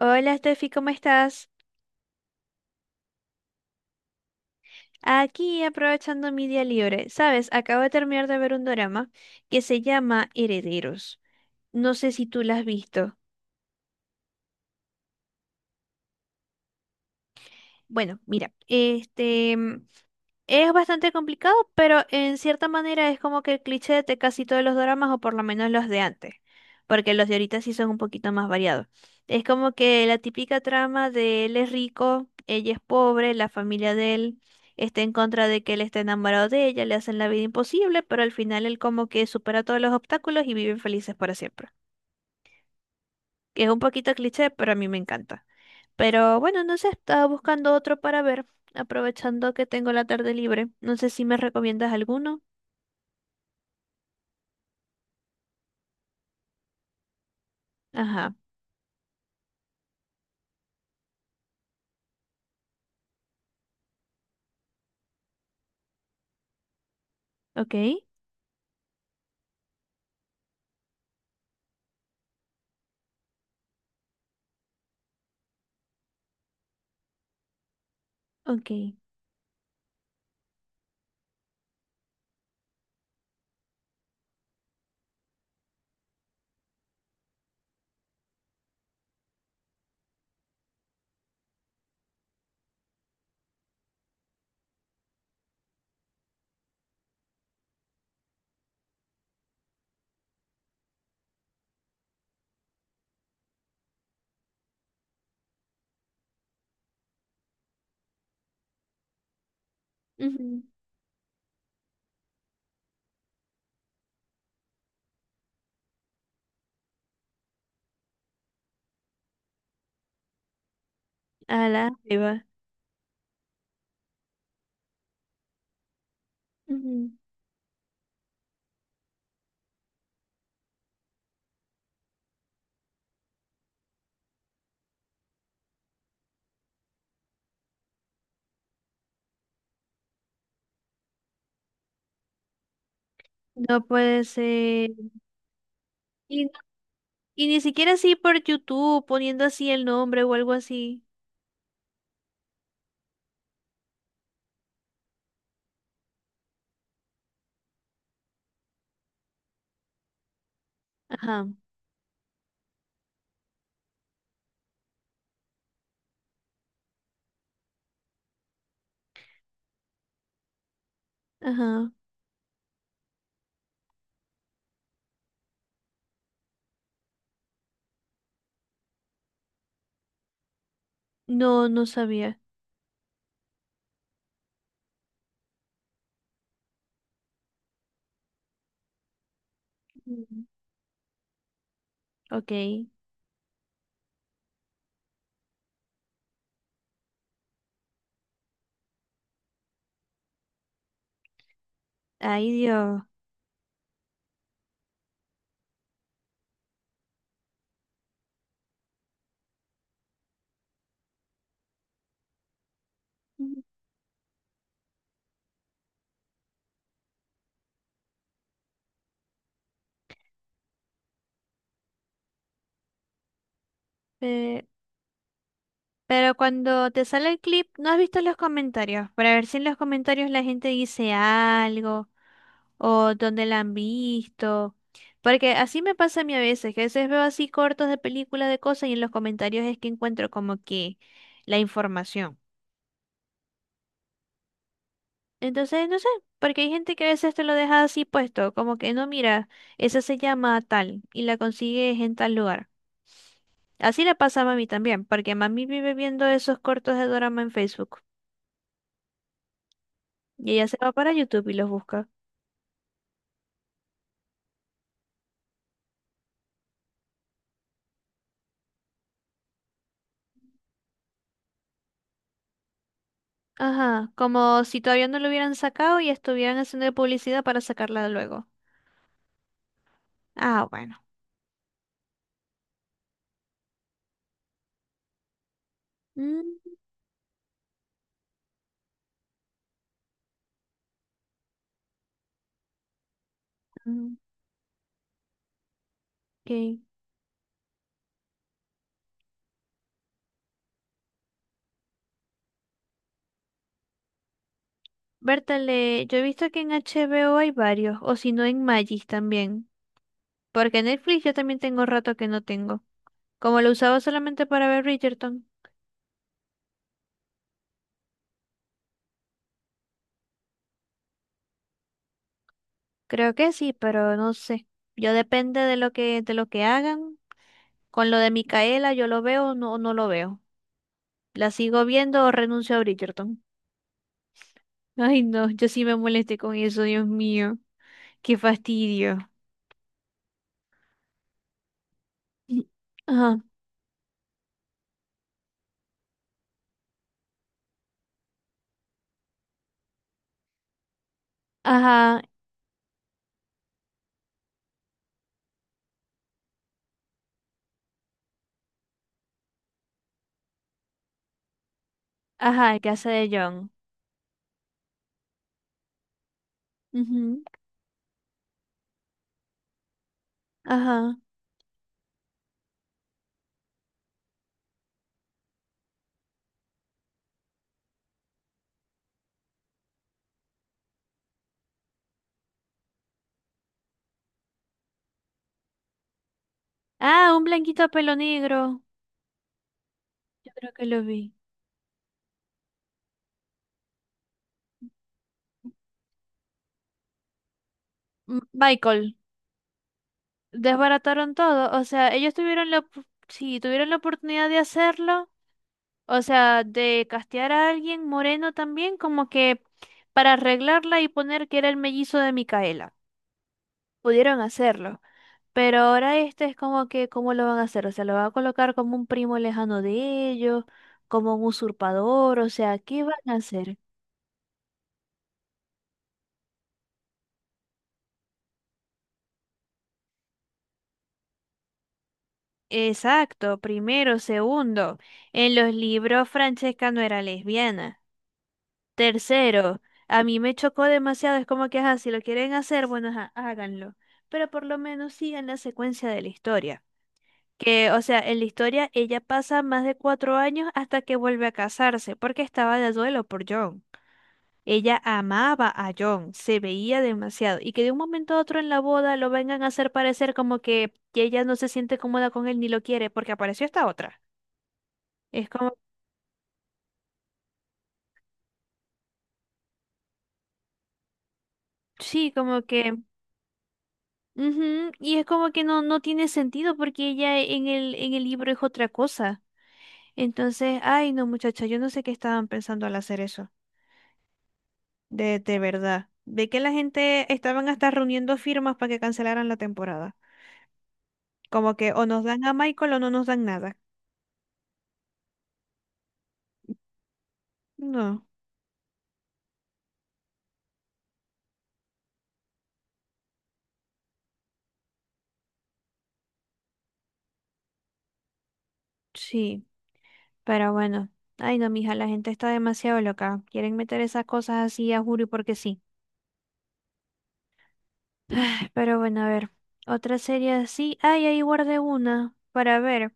Hola, Steffi, ¿cómo estás? Aquí aprovechando mi día libre. Sabes, acabo de terminar de ver un drama que se llama Herederos. No sé si tú la has visto. Bueno, mira, es bastante complicado, pero en cierta manera es como que el cliché de casi todos los dramas, o por lo menos los de antes, porque los de ahorita sí son un poquito más variados. Es como que la típica trama de él es rico, ella es pobre, la familia de él está en contra de que él esté enamorado de ella, le hacen la vida imposible, pero al final él como que supera todos los obstáculos y viven felices para siempre. Que es un poquito cliché, pero a mí me encanta. Pero bueno, no sé, estaba buscando otro para ver, aprovechando que tengo la tarde libre. No sé si me recomiendas alguno. Ajá, ok, ok. Ujú. A la va. Ujú. No puede ser. Y, no- y ni siquiera así por YouTube, poniendo así el nombre o algo así. Ajá, ajá. No, no sabía. Ujú. Ok. Ay, Dios. Ujú. Eh, pero cuando te sale el clip, ¿no has visto los comentarios? Para ver si en los comentarios la gente dice algo o donde la han visto. Porque así me pasa a mí a veces, que a veces veo así cortos de películas de cosas y en los comentarios es que encuentro como que la información. Entonces, no sé, porque hay gente que a veces te lo deja así puesto, como que no, mira, esa se llama tal y la consigues en tal lugar. Así le pasa a mami también, porque mami vive viendo esos cortos de dorama en Facebook y ella se va para YouTube y los busca. Ajá, como si todavía no lo hubieran sacado y estuvieran haciendo publicidad para sacarla luego. Ah, bueno. Mm, mm, ok. Bertale, yo he visto que en HBO hay varios, o si no en Magis también. Porque en Netflix yo también tengo rato que no tengo. Como lo usaba solamente para ver Bridgerton. Creo que sí, pero no sé. Yo depende de lo que hagan. Con lo de Micaela, yo lo veo o no lo veo. ¿La sigo viendo o renuncio a Bridgerton? Ay, no, yo sí me molesté con eso, Dios mío. Qué fastidio. Y- Ajá, ajá, ajá, el que hace de John. Ajá. Ah, un blanquito a pelo negro. Yo creo que lo vi. Michael, desbarataron todo. O sea, ellos tuvieron la, sí, tuvieron la oportunidad de hacerlo. O sea, de castear a alguien moreno también, como que para arreglarla y poner que era el mellizo de Micaela. Pudieron hacerlo. Pero ahora este es como que, ¿cómo lo van a hacer? O sea, lo van a colocar como un primo lejano de ellos, como un usurpador. O sea, ¿qué van a hacer? Exacto, primero, segundo. En los libros Francesca no era lesbiana. Tercero, a mí me chocó demasiado, es como que, ajá, si lo quieren hacer, bueno, ajá, háganlo. Pero por lo menos sigan la secuencia de la historia. Que, o sea, en la historia ella pasa más de cuatro años hasta que vuelve a casarse, porque estaba de duelo por John. Ella amaba a John, se veía demasiado, y que de un momento a otro en la boda lo vengan a hacer parecer como que ella no se siente cómoda con él ni lo quiere, porque apareció esta otra. Es como, sí, como que, ujú, y es como que no, no tiene sentido porque ella, en el libro es otra cosa. Entonces, ay, no, muchacha, yo no sé qué estaban pensando al hacer eso, de verdad. De que la gente estaban hasta reuniendo firmas para que cancelaran la temporada. Como que o nos dan a Michael o no nos dan nada. No, sí, pero bueno. Ay, no, mija, la gente está demasiado loca. Quieren meter esas cosas así a Juri porque sí. Ay, pero bueno, a ver, otra serie así. Ay, ahí guardé una para ver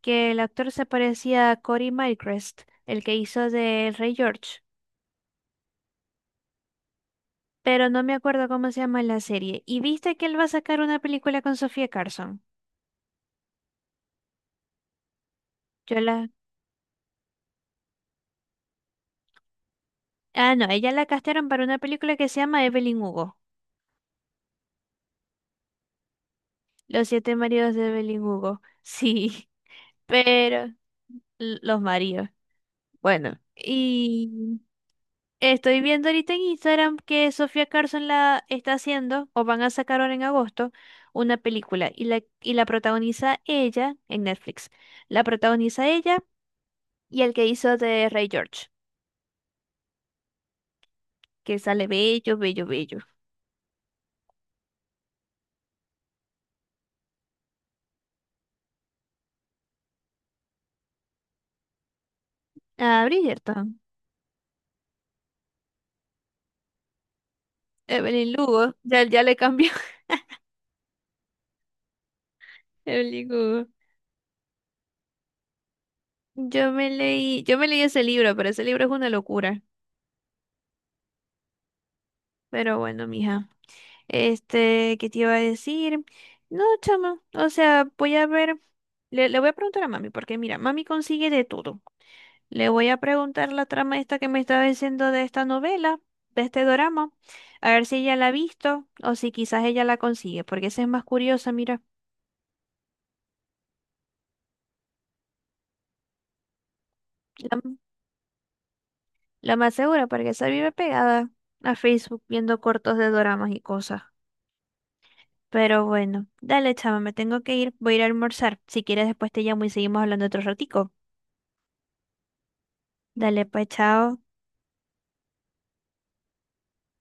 que el actor se parecía a Cory Mycrest, el que hizo de Rey George, pero no me acuerdo cómo se llama la serie. ¿Y viste que él va a sacar una película con Sofía Carson? Yo la... Ah, no, ella la castearon para una película que se llama Evelyn Hugo, Los siete maridos de Evelyn Hugo. Sí, pero los maridos. Bueno, y estoy viendo ahorita en Instagram que Sofía Carson la está haciendo, o van a sacar ahora en agosto, una película y la protagoniza ella en Netflix. La protagoniza ella y el que hizo de Ray George, que sale bello, bello, bello. Ah, Bridgerton. Evelyn Lugo, ya, ya le cambió. Evelyn Hugo. Yo me leí ese libro, pero ese libro es una locura. Pero bueno, mija. Este, ¿qué te iba a decir? No, chama, o sea, voy a ver, le voy a preguntar a mami, porque mira, mami consigue de todo. Le voy a preguntar la trama esta que me estaba diciendo de esta novela, de este dorama, a ver si ella la ha visto o si quizás ella la consigue, porque esa es más curiosa, mira, la, la más segura, porque esa vive pegada a Facebook viendo cortos de doramas y cosas. Pero bueno, dale, chama, me tengo que ir, voy a ir a almorzar. Si quieres, después te llamo y seguimos hablando otro ratico. Dale, pues, chao.